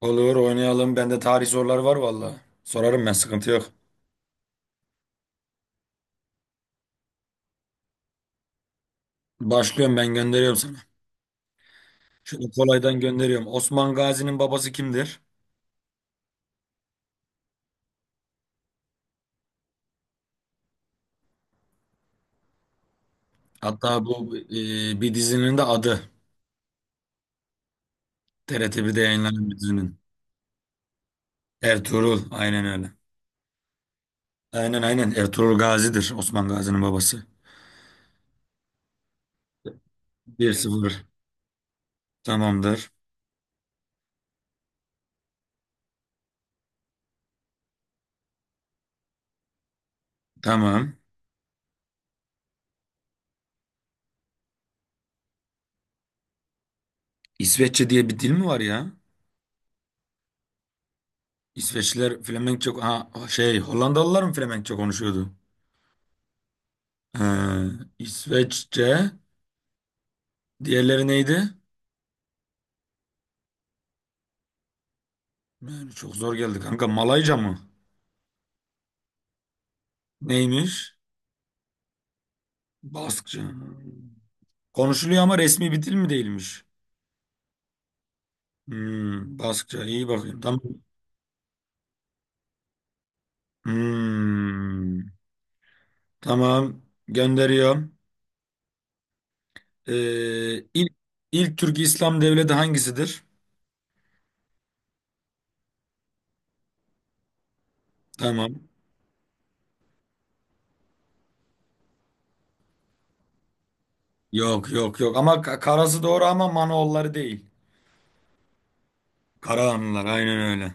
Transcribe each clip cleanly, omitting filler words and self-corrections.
Olur oynayalım. Bende tarih soruları var valla. Sorarım ben sıkıntı yok. Başlıyorum ben gönderiyorum sana. Şöyle kolaydan gönderiyorum. Osman Gazi'nin babası kimdir? Hatta bu bir dizinin de adı. TRT1'de yayınlanan bir dizinin. Ertuğrul. Aynen öyle. Aynen aynen. Ertuğrul Gazi'dir Osman Gazi'nin babası. 1-0. Tamamdır. Tamam. İsveççe diye bir dil mi var ya? İsveçliler Flemenkçe... Ha, şey, Hollandalılar mı Flemenkçe konuşuyordu? Ee, İsveççe... Diğerleri neydi? Yani çok zor geldi kanka. Malayca mı? Neymiş? Baskça. Konuşuluyor ama resmi bir dil mi değilmiş? Hmm, Baskça. İyi bakayım. Tamam. Hmm, tamam. Gönderiyorum. İlk, ilk Türk İslam devleti hangisidir? Tamam. Yok yok yok. Ama Karası doğru ama Manoğulları değil. Karahanlılar aynen öyle.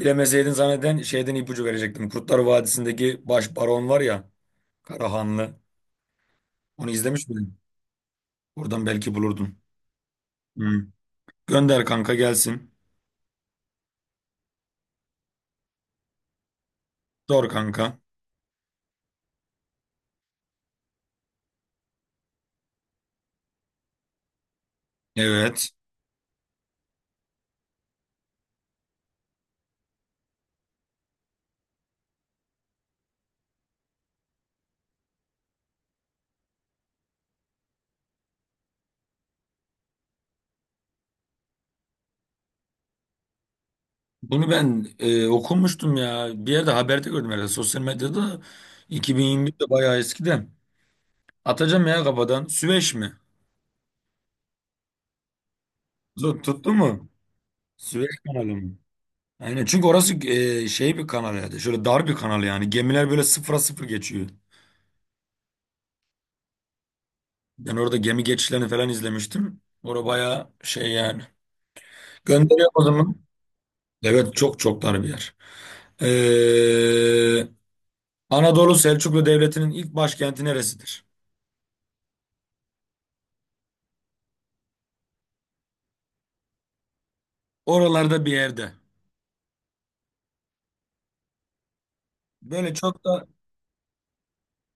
Bilemeseydin zanneden şeyden ipucu verecektim. Kurtlar Vadisi'ndeki baş baron var ya. Karahanlı. Onu izlemiş miydin? Oradan belki bulurdum. Hı. Gönder kanka gelsin. Sor kanka. Evet. Bunu ben okumuştum ya. Bir yerde haberde gördüm herhalde. Sosyal medyada 2021'de, bayağı eskiden. Atacağım ya kafadan. Süveyş mi? Tuttu mu? Süveyş kanalı mı? Aynen, çünkü orası şey bir kanal yani. Şöyle dar bir kanal yani. Gemiler böyle sıfıra sıfır geçiyor. Ben orada gemi geçişlerini falan izlemiştim. Orada bayağı şey yani. Gönderiyor o zaman. Evet, çok çok dar bir yer. E, Anadolu Selçuklu Devleti'nin ilk başkenti neresidir? Oralarda bir yerde. Böyle çok da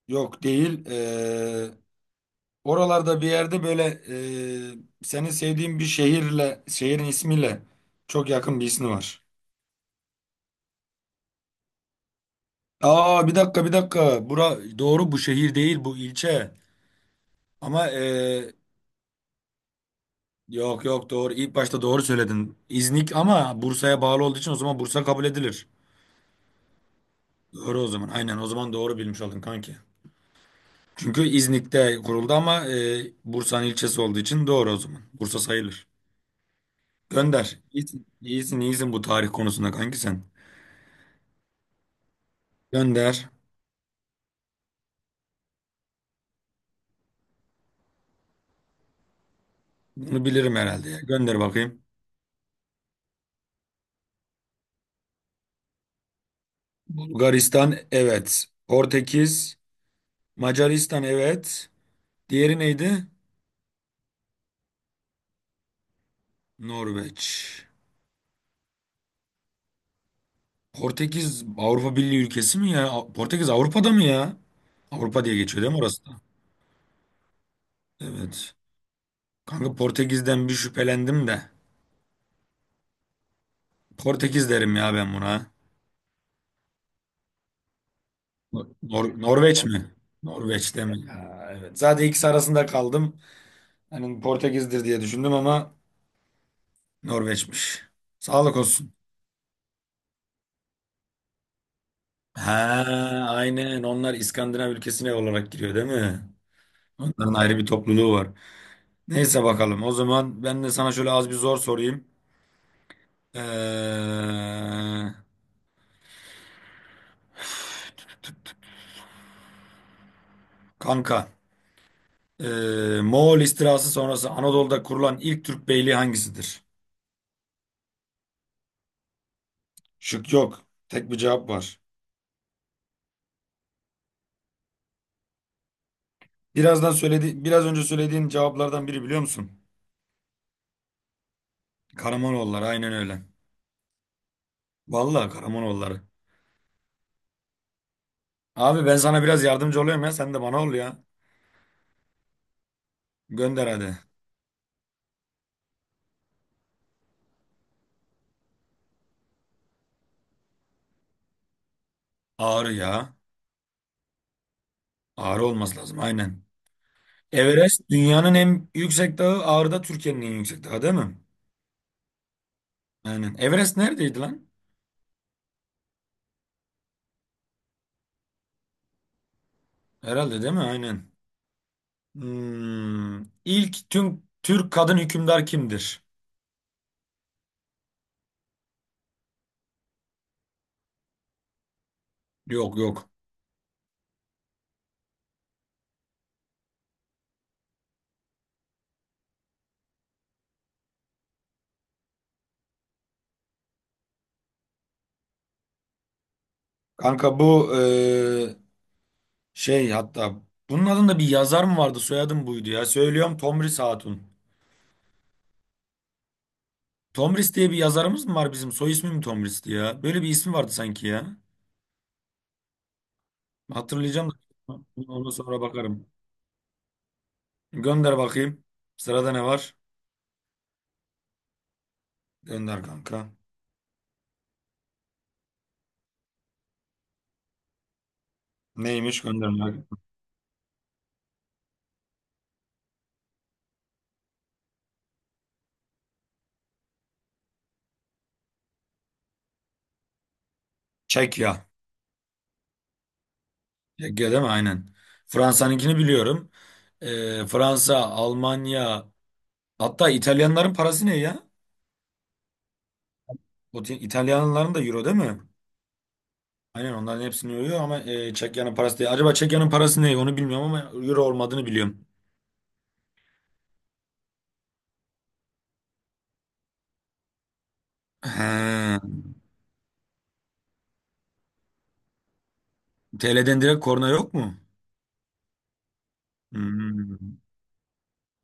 yok değil. Oralarda bir yerde böyle, senin sevdiğin bir şehirle, şehrin ismiyle çok yakın bir ismi var. Aa, bir dakika bir dakika. Bura doğru, bu şehir değil, bu ilçe. Ama yok yok, doğru. İlk başta doğru söyledin. İznik, ama Bursa'ya bağlı olduğu için o zaman Bursa kabul edilir. Doğru o zaman. Aynen, o zaman doğru bilmiş oldun kanki. Çünkü İznik'te kuruldu ama Bursa'nın ilçesi olduğu için doğru o zaman. Bursa sayılır. Gönder. İyisin, iyisin, iyisin bu tarih konusunda kanki sen. Gönder. Bunu bilirim herhalde ya. Gönder bakayım. Bulgaristan, evet. Portekiz, Macaristan, evet. Diğeri neydi? Norveç. Portekiz Avrupa Birliği ülkesi mi ya? Portekiz Avrupa'da mı ya? Avrupa diye geçiyor değil mi orası da? Evet. Kanka, Portekiz'den bir şüphelendim de. Portekiz derim ya ben buna. Norveç mi? Norveç'te mi? Ha, evet. Zaten ikisi arasında kaldım. Hani Portekiz'dir diye düşündüm, ama Norveç'miş. Sağlık olsun. Ha, aynen. Onlar İskandinav ülkesine olarak giriyor değil mi? Onların ayrı bir topluluğu var. Neyse, bakalım. O zaman ben de sana şöyle az bir zor sorayım. Ee, kanka, ee, Moğol istilası sonrası Anadolu'da kurulan ilk Türk beyliği hangisidir? Şık yok. Tek bir cevap var. Birazdan söyledi, biraz önce söylediğin cevaplardan biri, biliyor musun? Karamanoğulları, aynen öyle. Vallahi Karamanoğulları. Abi, ben sana biraz yardımcı oluyorum ya, sen de bana ol ya. Gönder hadi. Ağrı ya. Ağrı olması lazım, aynen. Everest dünyanın en yüksek dağı, Ağrı da Türkiye'nin en yüksek dağı, değil mi? Aynen. Everest neredeydi lan? Herhalde, değil mi? Aynen. Hmm. İlk tüm Türk kadın hükümdar kimdir? Yok yok. Kanka bu, şey, hatta bunun adında bir yazar mı vardı, soyadım buydu ya. Söylüyorum, Tomris Hatun. Tomris diye bir yazarımız mı var bizim? Soy ismi mi Tomris'ti ya? Böyle bir ismi vardı sanki ya. Hatırlayacağım da onu sonra bakarım. Gönder bakayım. Sırada ne var? Gönder kanka. Neymiş, gönder. Çekya. Çekya, değil mi? Aynen. Fransa'nınkini biliyorum. Fransa, Almanya, hatta İtalyanların parası ne ya? O, İtalyanların da euro, değil mi? Aynen, onların hepsini yoruyor ama Çekya'nın parası değil. Acaba Çekya'nın parası ne? Onu bilmiyorum ama euro olmadığını biliyorum. He. TL'den direkt korna yok mu? Hmm.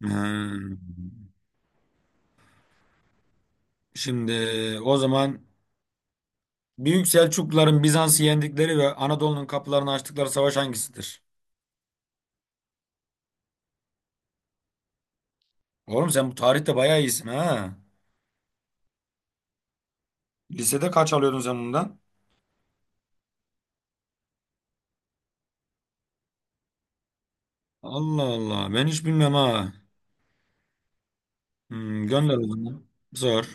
Hmm. Şimdi, o zaman, Büyük Selçukluların Bizans'ı yendikleri ve Anadolu'nun kapılarını açtıkları savaş hangisidir? Oğlum, sen bu tarihte bayağı iyisin ha. Lisede kaç alıyordun sen bundan? Allah Allah, ben hiç bilmem ha. Hmm, gönder o zaman. Zor.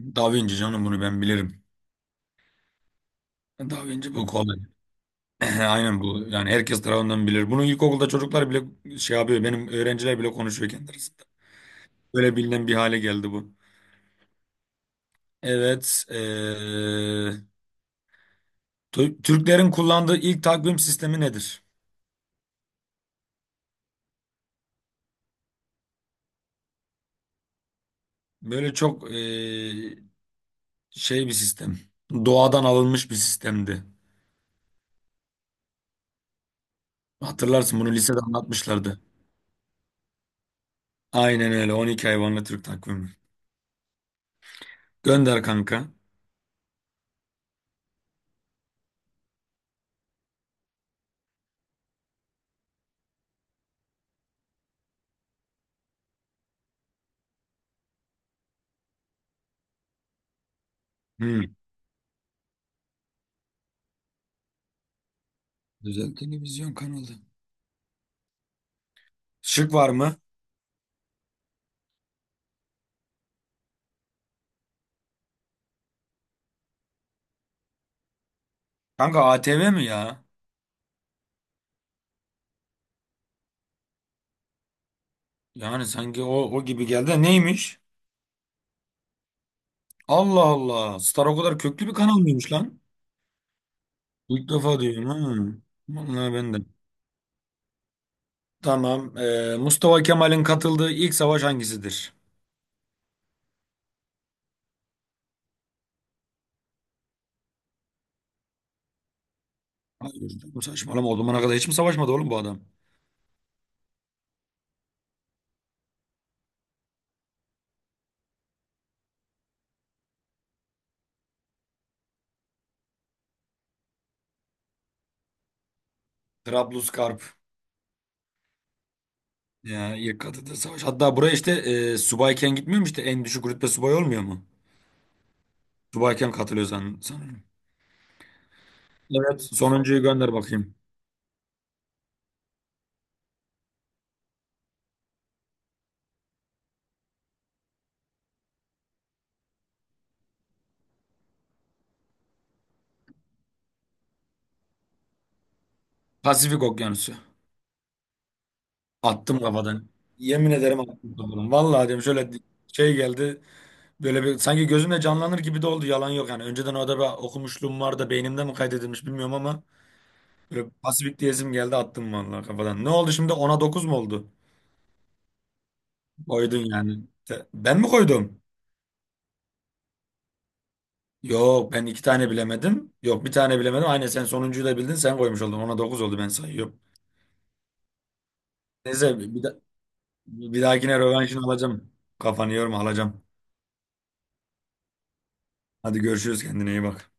Da Vinci canım, bunu ben bilirim. Da Vinci, bu kolay. Aynen bu. Yani herkes tarafından bilir. Bunu ilkokulda çocuklar bile şey yapıyor. Benim öğrenciler bile konuşuyor kendi arasında. Böyle bilinen bir hale geldi bu. Evet. Türklerin kullandığı ilk takvim sistemi nedir? Böyle çok şey bir sistem. Doğadan alınmış bir sistemdi. Hatırlarsın, bunu lisede anlatmışlardı. Aynen öyle. 12 hayvanlı Türk takvimi. Gönder kanka. Hmm. Özel televizyon kanalı. Şık var mı? Kanka, ATV mi ya? Yani sanki o gibi geldi de. Neymiş? Allah Allah. Star o kadar köklü bir kanal mıymış lan? İlk defa duyuyorum ha. Vallahi ben de. Tamam. Mustafa Kemal'in katıldığı ilk savaş hangisidir? Hayır canım, saçmalama. O zamana kadar hiç mi savaşmadı oğlum bu adam? Trablusgarp. Ya, ilk katıldığı savaş. Hatta buraya işte subayken gitmiyor mu işte? En düşük rütbe subay olmuyor mu? Subayken katılıyor sanırım. Evet. Sonuncuyu gönder bakayım. Pasifik Okyanusu. Attım kafadan. Yemin ederim attım kafadan. Vallahi diyorum, şöyle şey geldi. Böyle bir sanki gözümle canlanır gibi de oldu. Yalan yok yani. Önceden orada bir okumuşluğum var da beynimde mi kaydedilmiş bilmiyorum ama böyle pasifik diyesim geldi, attım vallahi kafadan. Ne oldu şimdi? 10-9 mu oldu? Koydun yani. Ben mi koydum? Yok, ben iki tane bilemedim. Yok, bir tane bilemedim. Aynen, sen sonuncuyu da bildin, sen koymuş oldun. 10-9 oldu, ben sayıyorum. Neyse, bir dahakine rövanşını alacağım. Kafanı yorma, alacağım. Hadi görüşürüz, kendine iyi bak.